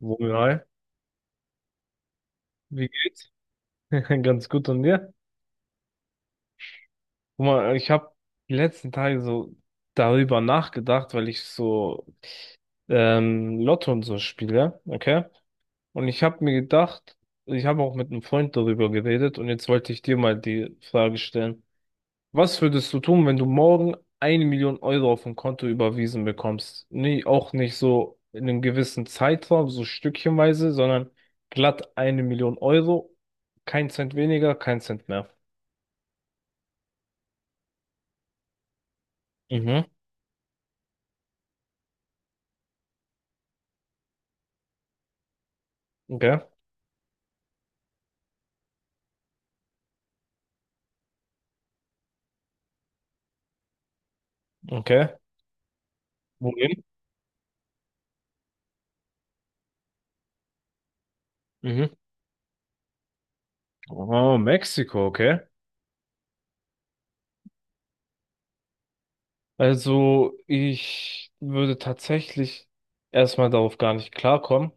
Wohl, hi. Wie geht's? Ganz gut und dir? Guck mal, ich habe die letzten Tage so darüber nachgedacht, weil ich so Lotto und so spiele, okay? Und ich habe mir gedacht, ich habe auch mit einem Freund darüber geredet und jetzt wollte ich dir mal die Frage stellen. Was würdest du tun, wenn du morgen eine Million Euro auf ein Konto überwiesen bekommst? Nee, auch nicht so in einem gewissen Zeitraum, so stückchenweise, sondern glatt eine Million Euro, kein Cent weniger, kein Cent mehr. Mhm. Okay. Okay. Wohin? Mhm. Oh, Mexiko, okay. Also, ich würde tatsächlich erstmal darauf gar nicht klarkommen,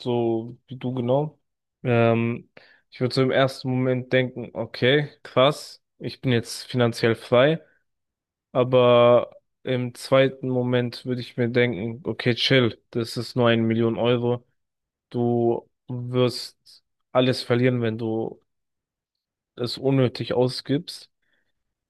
so wie du genau. Ähm, ich würde so im ersten Moment denken, okay, krass, ich bin jetzt finanziell frei, aber im zweiten Moment würde ich mir denken, okay, chill, das ist nur eine Million Euro, du wirst alles verlieren, wenn du es unnötig ausgibst.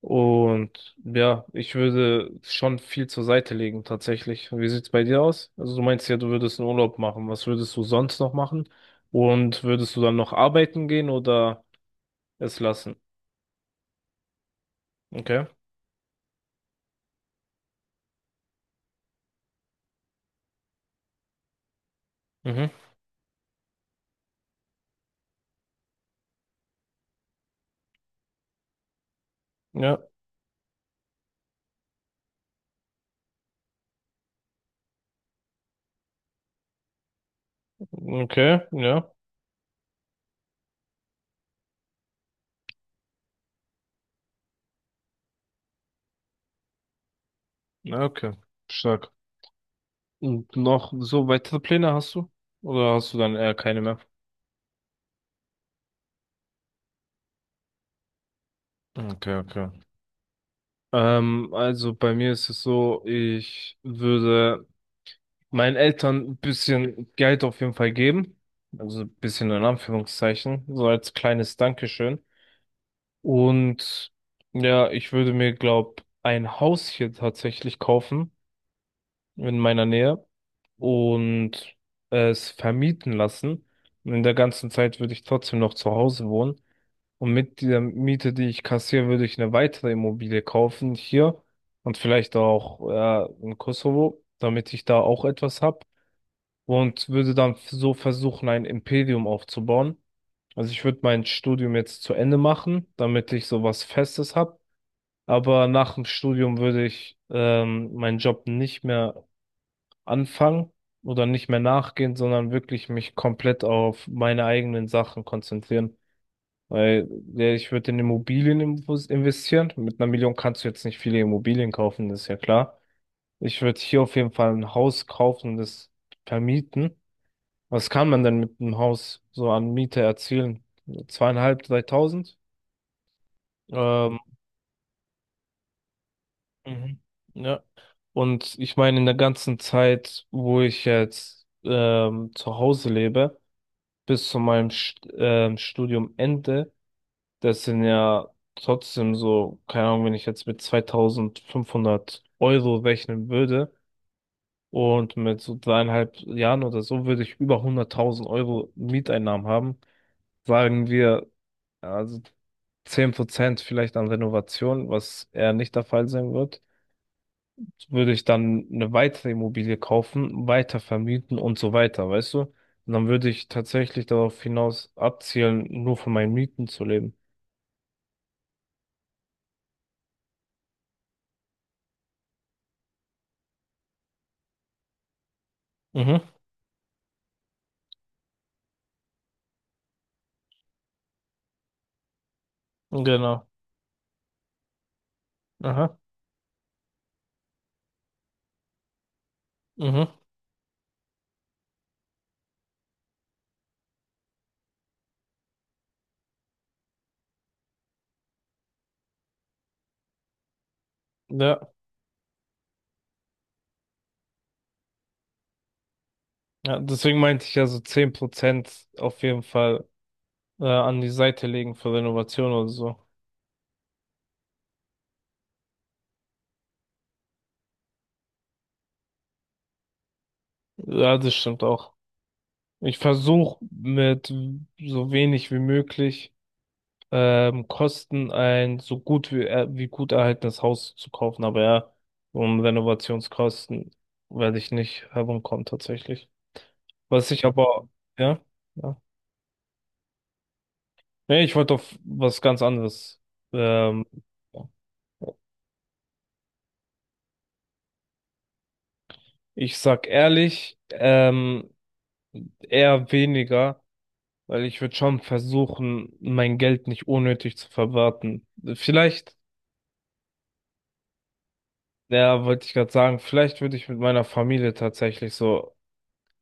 Und ja, ich würde schon viel zur Seite legen, tatsächlich. Wie sieht's bei dir aus? Also du meinst ja, du würdest einen Urlaub machen. Was würdest du sonst noch machen? Und würdest du dann noch arbeiten gehen oder es lassen? Okay. Mhm. Ja. Okay. Ja. Ja, okay. Stark. Und noch so weitere Pläne hast du? Oder hast du dann eher keine mehr? Okay, okay. Also bei mir ist es so, ich würde meinen Eltern ein bisschen Geld auf jeden Fall geben. Also ein bisschen in Anführungszeichen, so als kleines Dankeschön. Und ja, ich würde mir, glaub, ein Haus hier tatsächlich kaufen in meiner Nähe und es vermieten lassen. Und in der ganzen Zeit würde ich trotzdem noch zu Hause wohnen. Und mit der Miete, die ich kassiere, würde ich eine weitere Immobilie kaufen hier und vielleicht auch in Kosovo, damit ich da auch etwas hab und würde dann so versuchen, ein Imperium aufzubauen. Also ich würde mein Studium jetzt zu Ende machen, damit ich so was Festes habe. Aber nach dem Studium würde ich meinen Job nicht mehr anfangen oder nicht mehr nachgehen, sondern wirklich mich komplett auf meine eigenen Sachen konzentrieren. Weil ja, ich würde in Immobilien investieren. Mit einer Million kannst du jetzt nicht viele Immobilien kaufen, das ist ja klar. Ich würde hier auf jeden Fall ein Haus kaufen und das vermieten. Was kann man denn mit einem Haus so an Miete erzielen? Zweieinhalb, 3.000? Ähm, mhm. Ja. Und ich meine, in der ganzen Zeit, wo ich jetzt zu Hause lebe, bis zu meinem St Studiumende, das sind ja trotzdem so, keine Ahnung, wenn ich jetzt mit 2.500 Euro rechnen würde und mit so 3,5 Jahren oder so, würde ich über 100.000 Euro Mieteinnahmen haben. Sagen wir, ja, also 10% vielleicht an Renovation, was eher nicht der Fall sein wird, würde ich dann eine weitere Immobilie kaufen, weiter vermieten und so weiter, weißt du? Und dann würde ich tatsächlich darauf hinaus abzielen, nur von meinen Mieten zu leben. Mhm, genau. Aha, mhm, ja. Ja, deswegen meinte ich ja so 10% auf jeden Fall an die Seite legen für Renovation oder so. Ja, das stimmt auch. Ich versuche mit so wenig wie möglich kosten, ein so gut wie, wie gut erhaltenes Haus zu kaufen. Aber ja, um Renovationskosten werde ich nicht herumkommen tatsächlich. Was ich aber, ja, ja. Nee, ich wollte auf was ganz anderes. Ähm, ich sag ehrlich, eher weniger, weil ich würde schon versuchen, mein Geld nicht unnötig zu verwerten. Vielleicht, ja, wollte ich gerade sagen, vielleicht würde ich mit meiner Familie tatsächlich so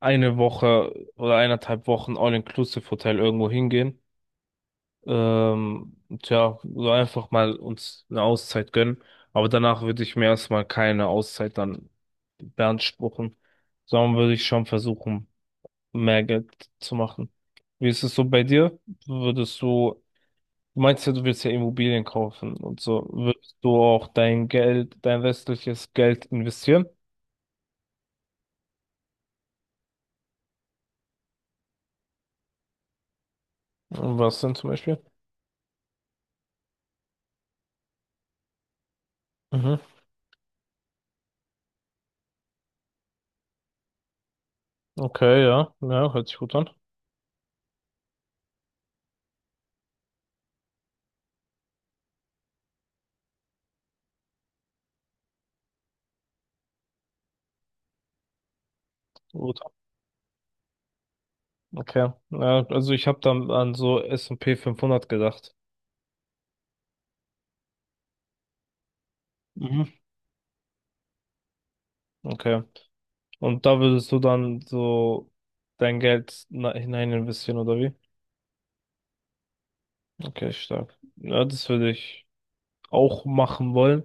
eine Woche oder 1,5 Wochen All-Inclusive-Hotel irgendwo hingehen. Ähm, tja, so einfach mal uns eine Auszeit gönnen. Aber danach würde ich mir erstmal keine Auszeit dann beanspruchen, sondern würde ich schon versuchen, mehr Geld zu machen. Wie ist es so bei dir? Würdest du, du meinst ja, du willst ja Immobilien kaufen und so. Würdest du auch dein Geld, dein restliches Geld investieren? Und was denn zum Beispiel? Mhm. Okay, ja, ja, hört sich gut an. Okay. Ja, also ich habe dann an so S&P 500 gedacht. Mhm. Okay. Und da würdest du dann so dein Geld hinein investieren, oder wie? Okay, stark. Ja, das würde ich auch machen wollen.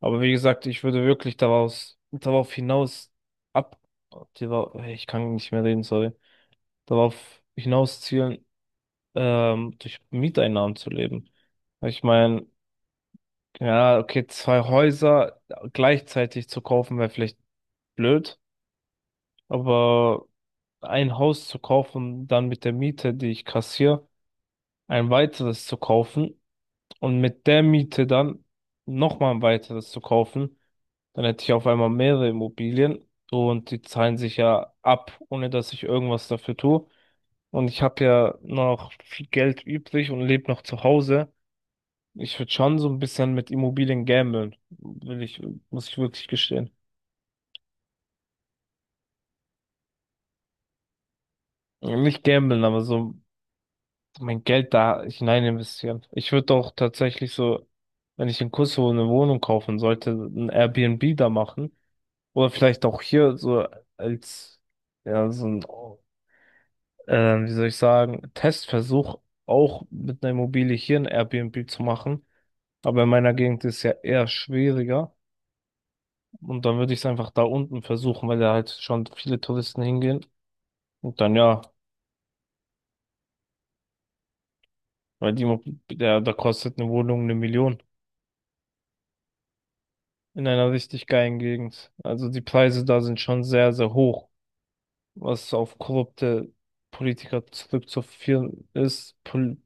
Aber wie gesagt, ich würde wirklich daraus, darauf hinaus ab, darauf- ich kann nicht mehr reden, sorry, darauf hinaus zielen, durch Mieteinnahmen zu leben. Ich meine, ja, okay, zwei Häuser gleichzeitig zu kaufen wäre vielleicht blöd, aber ein Haus zu kaufen, dann mit der Miete, die ich kassiere, ein weiteres zu kaufen und mit der Miete dann nochmal ein weiteres zu kaufen, dann hätte ich auf einmal mehrere Immobilien und die zahlen sich ja ab, ohne dass ich irgendwas dafür tue. Und ich habe ja noch viel Geld übrig und lebe noch zu Hause. Ich würde schon so ein bisschen mit Immobilien gamblen, will ich, muss ich wirklich gestehen. Nicht gamblen, aber so mein Geld da hinein investieren. Ich würde auch tatsächlich so, wenn ich in Kosovo eine Wohnung kaufen sollte, ein Airbnb da machen. Oder vielleicht auch hier so als, ja, so ein, äh, wie soll ich sagen, Testversuch auch mit einer Immobilie hier ein Airbnb zu machen. Aber in meiner Gegend ist es ja eher schwieriger. Und dann würde ich es einfach da unten versuchen, weil da halt schon viele Touristen hingehen. Und dann ja, weil die, Immo- der, da kostet eine Wohnung eine Million in einer richtig geilen Gegend. Also die Preise da sind schon sehr, sehr hoch, was auf korrupte Politiker zurückzuführen ist. Pol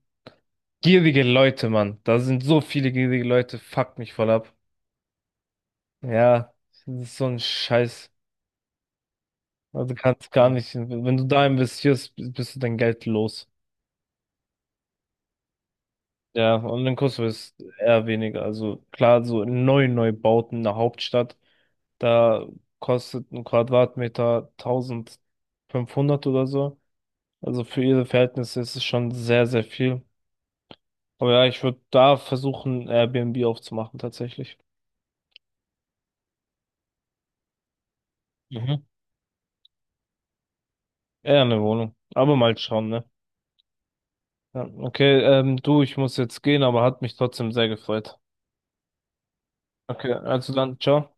gierige Leute, Mann. Da sind so viele gierige Leute, fuck mich voll ab. Ja, das ist so ein Scheiß. Also kannst gar nicht, wenn du da investierst, bist du dein Geld los. Ja, und in Kosovo ist eher weniger. Also klar, so neu bauten in der Hauptstadt, da kostet ein Quadratmeter 1.500 oder so. Also für ihre Verhältnisse ist es schon sehr, sehr viel. Aber ja, ich würde da versuchen, Airbnb aufzumachen, tatsächlich. Mhm. Eher eine Wohnung. Aber mal schauen, ne? Ja, okay, du, ich muss jetzt gehen, aber hat mich trotzdem sehr gefreut. Okay, also dann, ciao.